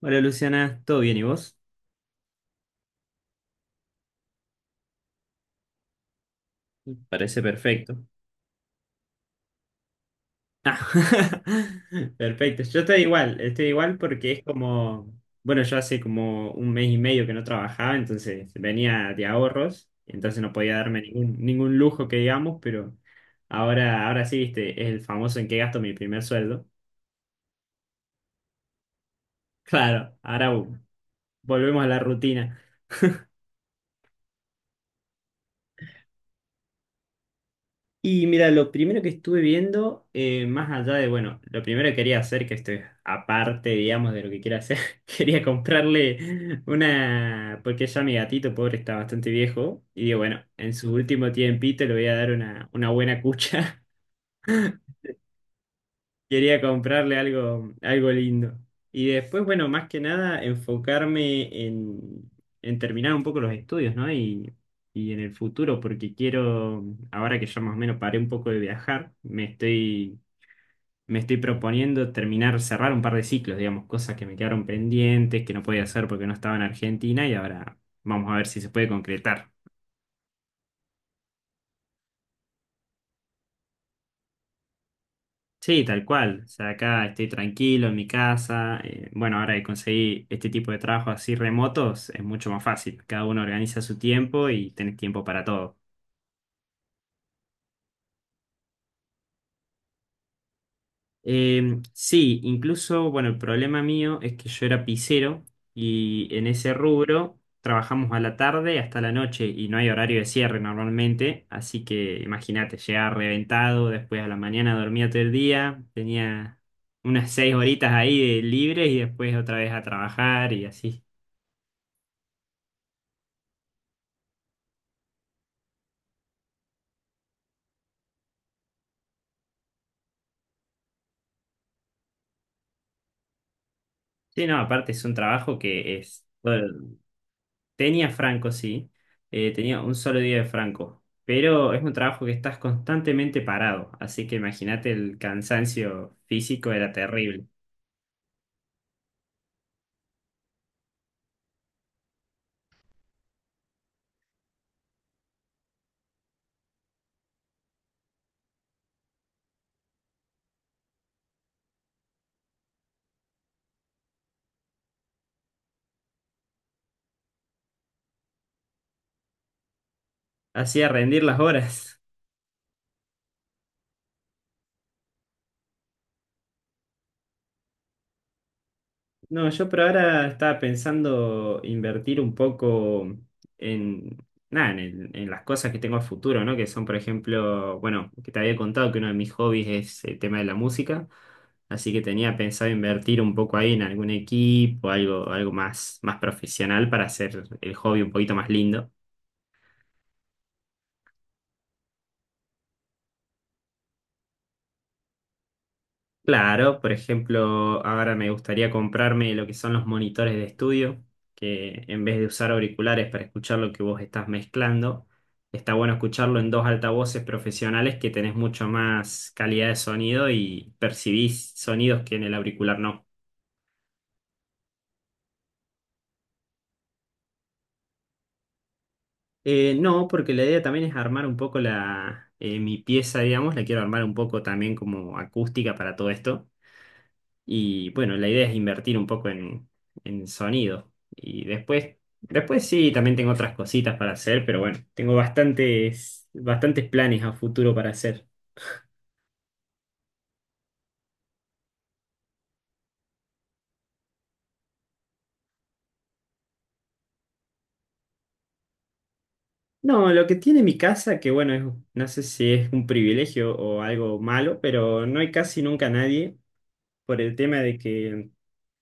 Hola Luciana, ¿todo bien y vos? Parece perfecto. Ah, perfecto. Yo estoy igual porque es como, bueno, yo hace como 1 mes y medio que no trabajaba, entonces venía de ahorros, entonces no podía darme ningún lujo que digamos, pero ahora, ahora sí, viste, es el famoso en qué gasto mi primer sueldo. Claro, ahora volvemos a la rutina. Y mira, lo primero que estuve viendo, más allá de, bueno, lo primero que quería hacer, que esto es aparte, digamos, de lo que quiero hacer, quería comprarle una, porque ya mi gatito pobre está bastante viejo, y digo, bueno, en su último tiempito le voy a dar una buena cucha, quería comprarle algo, algo lindo. Y después, bueno, más que nada, enfocarme en terminar un poco los estudios, ¿no? Y en el futuro, porque quiero, ahora que ya más o menos paré un poco de viajar, Me estoy proponiendo terminar, cerrar un par de ciclos, digamos, cosas que me quedaron pendientes, que no podía hacer porque no estaba en Argentina y ahora vamos a ver si se puede concretar. Sí, tal cual. O sea, acá estoy tranquilo en mi casa. Bueno, ahora que conseguí este tipo de trabajos así remotos, es mucho más fácil. Cada uno organiza su tiempo y tenés tiempo para todo. Sí, incluso, bueno, el problema mío es que yo era pisero y en ese rubro trabajamos a la tarde hasta la noche y no hay horario de cierre normalmente, así que imagínate, llegaba reventado, después a la mañana dormía todo el día, tenía unas 6 horitas ahí de libres y después otra vez a trabajar y así. Sí, no, aparte es un trabajo que es bueno. Tenía franco, sí. Tenía un solo día de franco. Pero es un trabajo que estás constantemente parado. Así que imagínate el cansancio físico era terrible. Hacía rendir las horas. No, yo por ahora estaba pensando invertir un poco en, nada, en, en las cosas que tengo a futuro, ¿no? Que son, por ejemplo, bueno, que te había contado que uno de mis hobbies es el tema de la música, así que tenía pensado invertir un poco ahí en algún equipo, algo, algo más, más profesional para hacer el hobby un poquito más lindo. Claro, por ejemplo, ahora me gustaría comprarme lo que son los monitores de estudio, que en vez de usar auriculares para escuchar lo que vos estás mezclando, está bueno escucharlo en dos altavoces profesionales que tenés mucho más calidad de sonido y percibís sonidos que en el auricular no. No, porque la idea también es armar un poco la, mi pieza, digamos, la quiero armar un poco también como acústica para todo esto. Y bueno, la idea es invertir un poco en sonido. Y después, después sí, también tengo otras cositas para hacer, pero bueno, tengo bastantes, bastantes planes a futuro para hacer. No, lo que tiene mi casa, que bueno, no sé si es un privilegio o algo malo, pero no hay casi nunca nadie por el tema de que,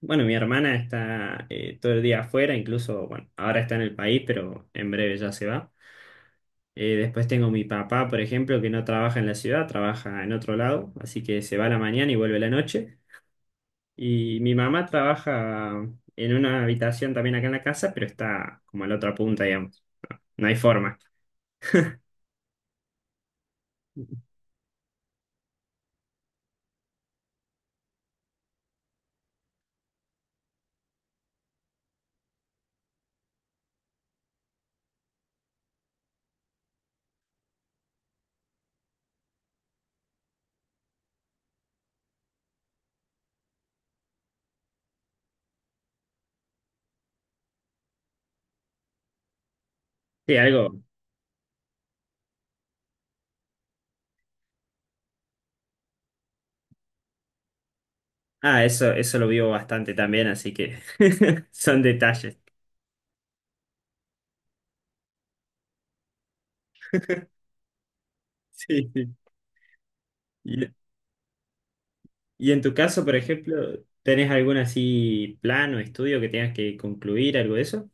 bueno, mi hermana está todo el día afuera, incluso, bueno, ahora está en el país, pero en breve ya se va. Después tengo mi papá, por ejemplo, que no trabaja en la ciudad, trabaja en otro lado, así que se va a la mañana y vuelve a la noche. Y mi mamá trabaja en una habitación también acá en la casa, pero está como a la otra punta, digamos. No hay forma. Sí, algo. Ah, eso lo vivo bastante también, así que son detalles. Sí, sí. Y, y en tu caso, por ejemplo, ¿tenés algún así plan o estudio que tengas que concluir, algo de eso?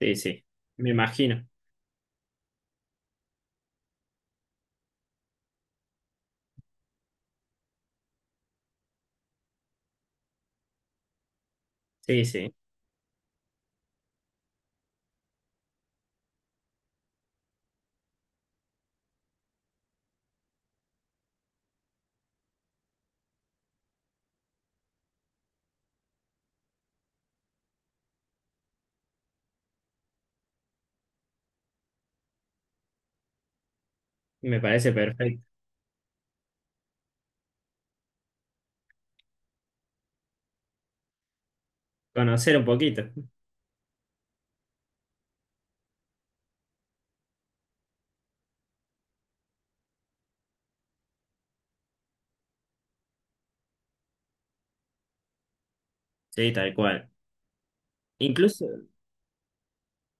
Sí, sí, me imagino. Sí, sí, me parece perfecto. Conocer un poquito. Sí, tal cual. Incluso,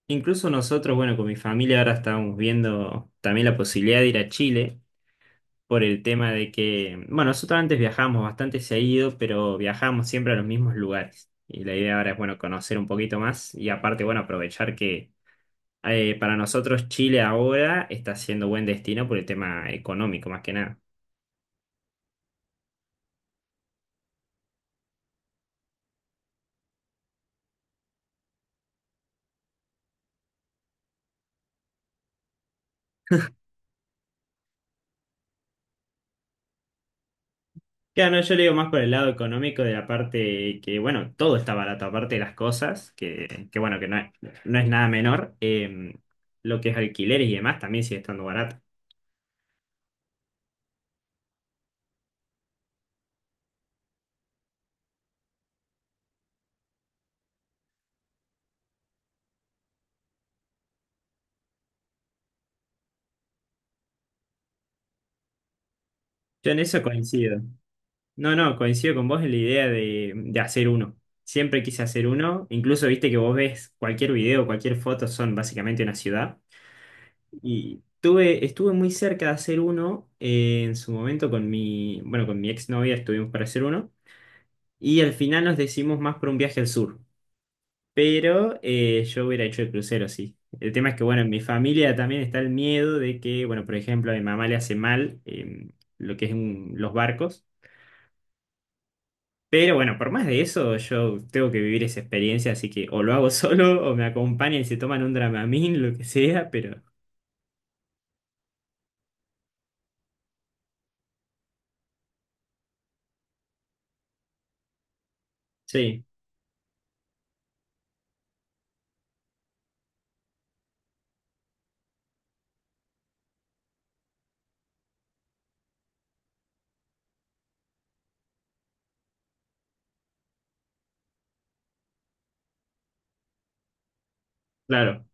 incluso nosotros, bueno, con mi familia ahora estábamos viendo también la posibilidad de ir a Chile por el tema de que, bueno, nosotros antes viajamos bastante seguido, pero viajamos siempre a los mismos lugares. Y la idea ahora es, bueno, conocer un poquito más y aparte, bueno, aprovechar que para nosotros Chile ahora está siendo buen destino por el tema económico, más que nada. Claro, no, yo le digo más por el lado económico de la parte que, bueno, todo está barato, aparte de las cosas, que bueno, que no es, no es nada menor. Lo que es alquileres y demás también sigue estando barato. Yo en eso coincido. No, no, coincido con vos en la idea de hacer uno. Siempre quise hacer uno. Incluso viste que vos ves cualquier video, cualquier foto, son básicamente una ciudad. Y tuve, estuve muy cerca de hacer uno en su momento con mi, bueno, con mi exnovia estuvimos para hacer uno. Y al final nos decidimos más por un viaje al sur. Pero yo hubiera hecho el crucero, sí. El tema es que, bueno, en mi familia también está el miedo de que, bueno, por ejemplo, a mi mamá le hace mal lo que es los barcos. Pero bueno, por más de eso, yo tengo que vivir esa experiencia, así que o lo hago solo o me acompañan y se toman un Dramamine, lo que sea, pero sí, claro.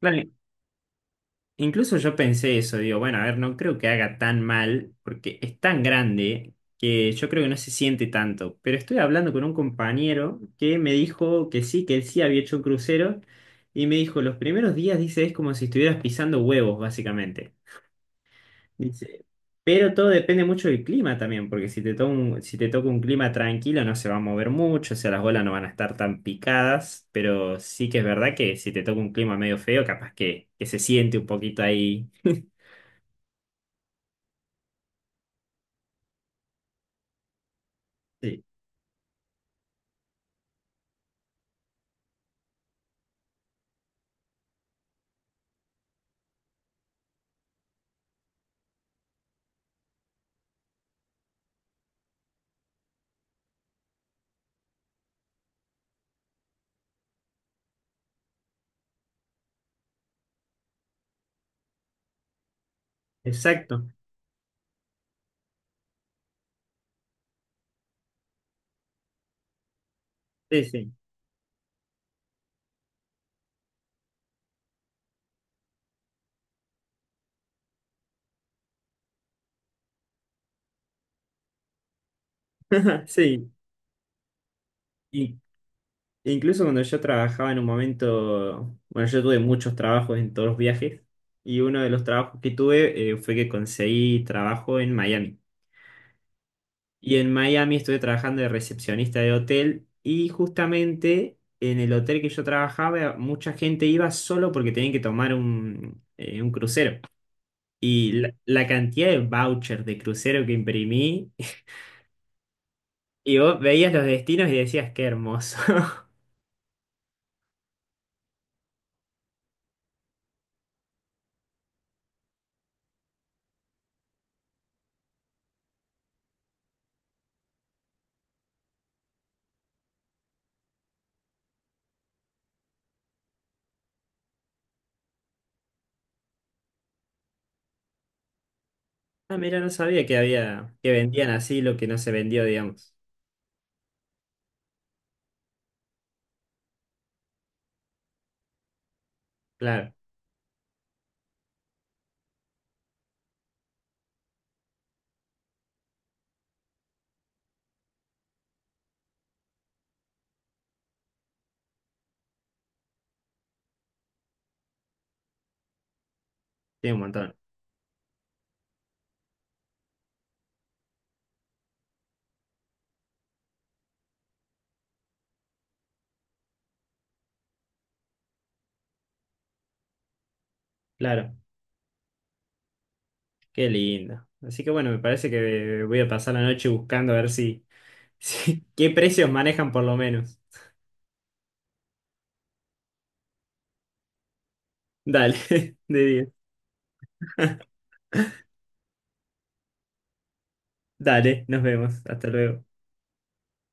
Claro, incluso yo pensé eso, digo, bueno, a ver, no creo que haga tan mal, porque es tan grande que yo creo que no se siente tanto. Pero estoy hablando con un compañero que me dijo que sí, que él sí había hecho un crucero, y me dijo, los primeros días, dice, es como si estuvieras pisando huevos, básicamente. Dice, pero todo depende mucho del clima también, porque si te toca un, si te toca un clima tranquilo no se va a mover mucho, o sea, las olas no van a estar tan picadas, pero sí que es verdad que si te toca un clima medio feo, capaz que se siente un poquito ahí. Sí, exacto. Sí, sí. Sí. Y e incluso cuando yo trabajaba en un momento, bueno, yo tuve muchos trabajos en todos los viajes y uno de los trabajos que tuve fue que conseguí trabajo en Miami. Y en Miami estuve trabajando de recepcionista de hotel y justamente en el hotel que yo trabajaba mucha gente iba solo porque tenían que tomar un crucero. Y la cantidad de vouchers de crucero que imprimí, y vos veías los destinos y decías, qué hermoso. Ah, mira, no sabía que había, que vendían así lo que no se vendió, digamos. Claro, tiene un montón. Claro, qué lindo. Así que bueno, me parece que voy a pasar la noche buscando a ver si, si qué precios manejan por lo menos. Dale, de 10. Dale, nos vemos. Hasta luego.